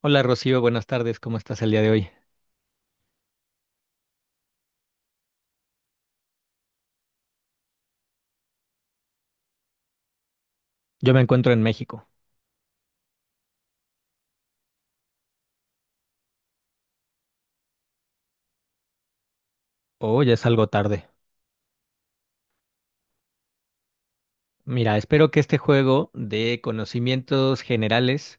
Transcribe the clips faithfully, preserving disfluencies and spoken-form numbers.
Hola Rocío, buenas tardes, ¿cómo estás el día de hoy? Yo me encuentro en México. Oh, ya es algo tarde. Mira, espero que este juego de conocimientos generales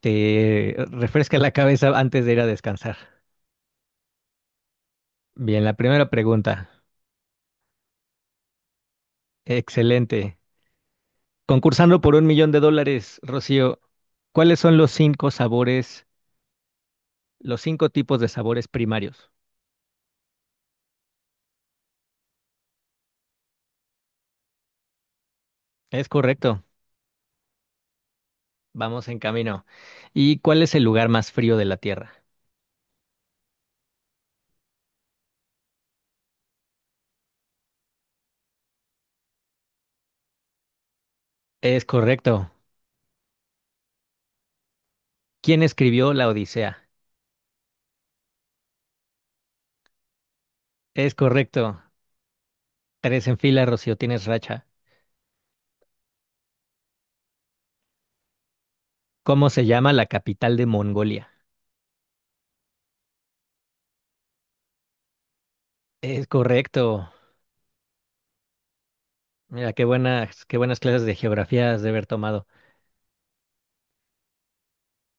te refresque la cabeza antes de ir a descansar. Bien, la primera pregunta. Excelente. Concursando por un millón de dólares, Rocío, ¿cuáles son los cinco sabores, los cinco tipos de sabores primarios? Es correcto, vamos en camino. ¿Y cuál es el lugar más frío de la Tierra? Es correcto. ¿Quién escribió la Odisea? Es correcto. Tres en fila, Rocío, tienes racha. ¿Cómo se llama la capital de Mongolia? Es correcto. Mira, qué buenas, qué buenas clases de geografía has de haber tomado.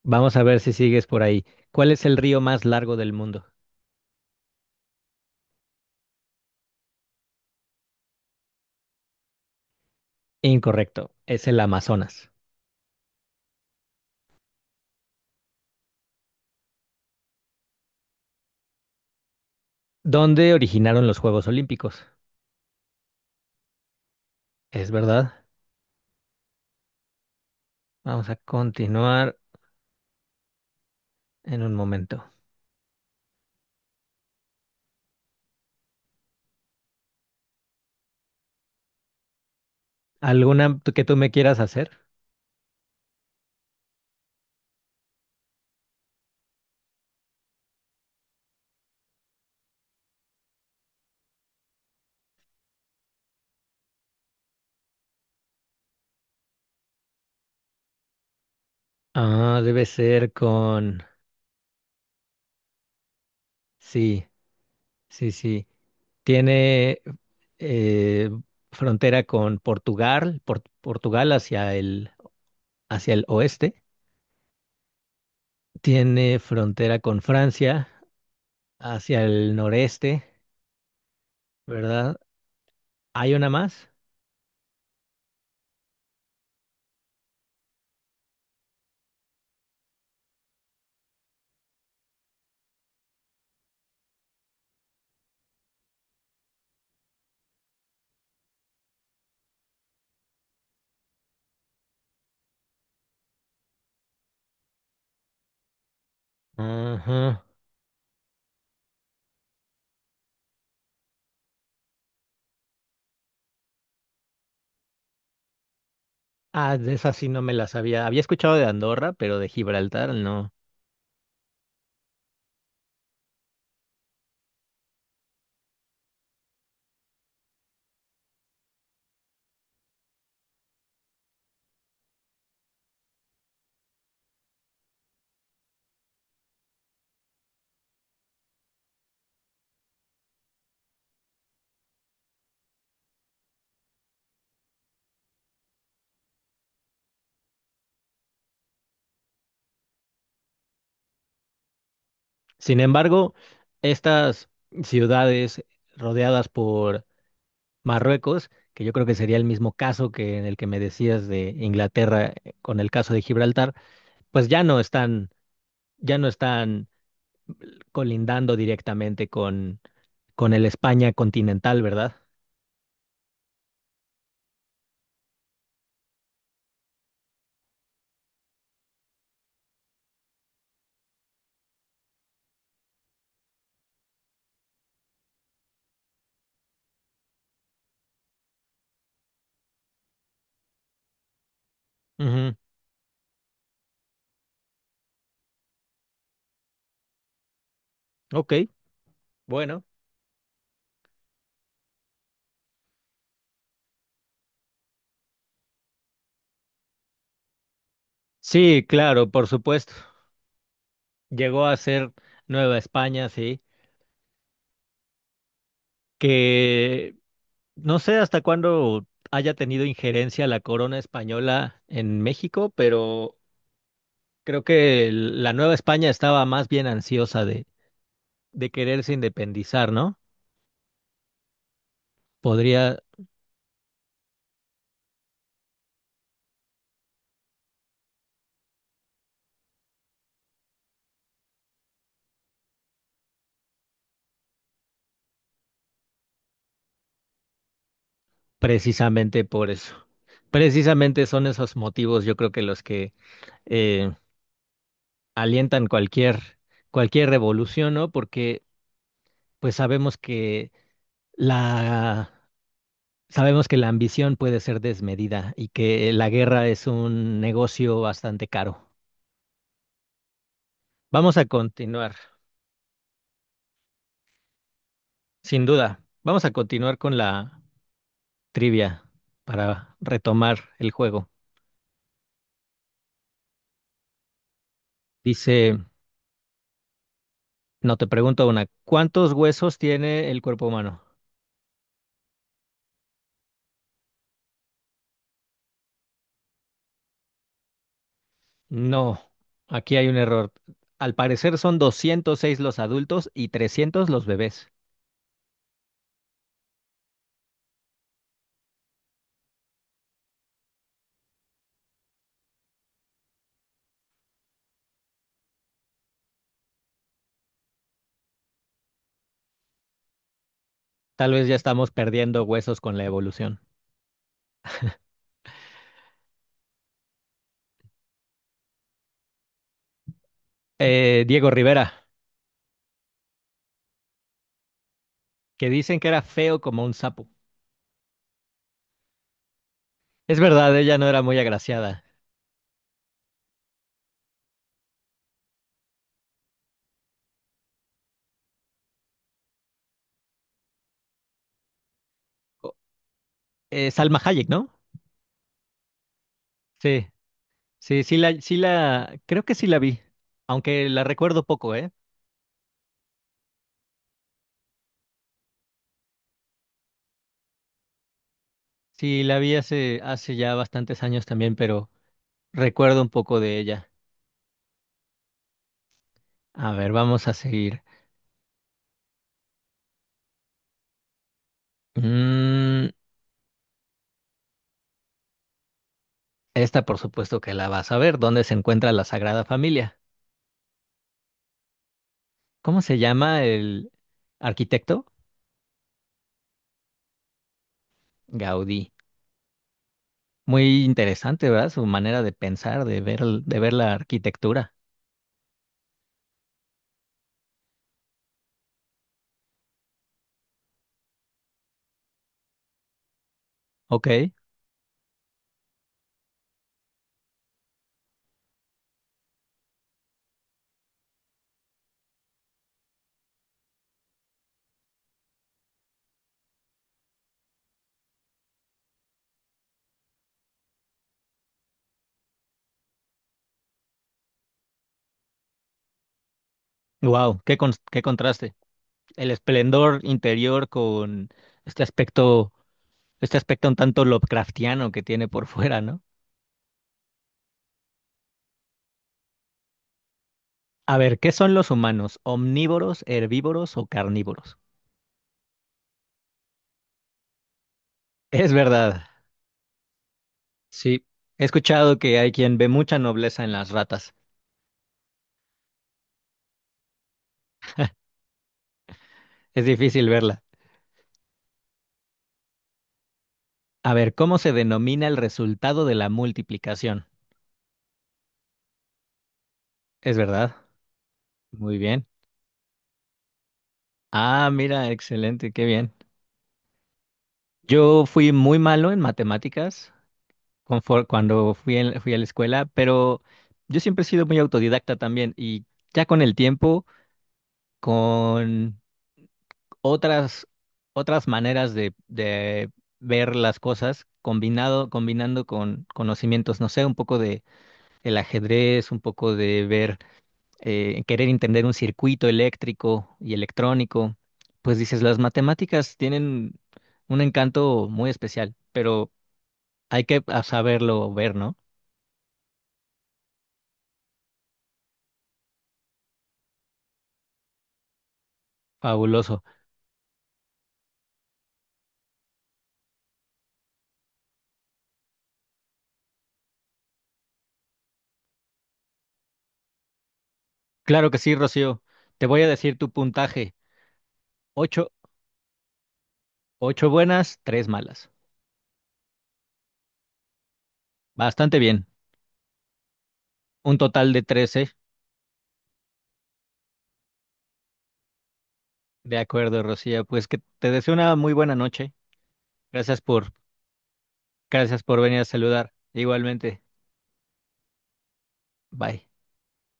Vamos a ver si sigues por ahí. ¿Cuál es el río más largo del mundo? Incorrecto, es el Amazonas. ¿Dónde originaron los Juegos Olímpicos? Es verdad. Vamos a continuar en un momento. ¿Alguna tú- que tú me quieras hacer? Ah, debe ser con... Sí. Sí, sí. Tiene eh, frontera con Portugal, Por- Portugal hacia el, hacia el, oeste. Tiene frontera con Francia hacia el noreste, ¿verdad? ¿Hay una más? Ajá. Ah, de esa sí no me la sabía. Había escuchado de Andorra, pero de Gibraltar no. Sin embargo, estas ciudades rodeadas por Marruecos, que yo creo que sería el mismo caso que en el que me decías de Inglaterra eh, con el caso de Gibraltar, pues ya no están, ya no están colindando directamente con, con, el España continental, ¿verdad? Ujú. Ok, bueno. Sí, claro, por supuesto. Llegó a ser Nueva España, sí, que no sé hasta cuándo haya tenido injerencia la corona española en México, pero creo que el- la Nueva España estaba más bien ansiosa de, de, quererse independizar, ¿no? Podría precisamente por eso. Precisamente son esos motivos, yo creo que los que eh, alientan cualquier, cualquier revolución, ¿no? Porque pues sabemos que la, sabemos que la ambición puede ser desmedida y que la guerra es un negocio bastante caro. Vamos a continuar, sin duda. Vamos a continuar con la trivia para retomar el juego. Dice, no te pregunto una, ¿cuántos huesos tiene el cuerpo humano? No, aquí hay un error. Al parecer son doscientos seis los adultos y trescientos los bebés. Tal vez ya estamos perdiendo huesos con la evolución. Eh, Diego Rivera, que dicen que era feo como un sapo. Es verdad, ella no era muy agraciada. O- eh, Salma Hayek, ¿no? Sí, sí, sí la, sí la, creo que sí la vi, aunque la recuerdo poco, ¿eh? Sí, la vi hace, hace ya bastantes años también, pero recuerdo un poco de ella. A ver, vamos a seguir. Mm, esta por supuesto que la vas a ver. ¿Dónde se encuentra la Sagrada Familia? ¿Cómo se llama el arquitecto? Gaudí. Muy interesante, ¿verdad? Su manera de pensar, de ver, el- de ver la arquitectura. Ok. Wow, qué, cons- qué contraste. El esplendor interior con este aspecto, este aspecto un tanto Lovecraftiano que tiene por fuera, ¿no? A ver, ¿qué son los humanos? ¿Omnívoros, herbívoros o carnívoros? Es verdad, sí. He escuchado que hay quien ve mucha nobleza en las ratas. Es difícil verla. A ver, ¿cómo se denomina el resultado de la multiplicación? Es verdad. Muy bien. Ah, mira, excelente, qué bien. Yo fui muy malo en matemáticas confor- cuando fui, en- fui a la escuela, pero yo siempre he sido muy autodidacta también y ya con el tiempo, con otras, otras maneras de, de, ver las cosas combinado, combinando con conocimientos, no sé, un poco de el ajedrez, un poco de ver, eh, querer entender un circuito eléctrico y electrónico, pues dices, las matemáticas tienen un encanto muy especial, pero hay que a- saberlo ver, ¿no? Fabuloso. Claro que sí, Rocío. Te voy a decir tu puntaje. Ocho, ocho buenas, tres malas. Bastante bien. Un total de trece. De acuerdo, Rocío. Pues que te deseo una muy buena noche. Gracias por, gracias por venir a saludar. Igualmente. Bye.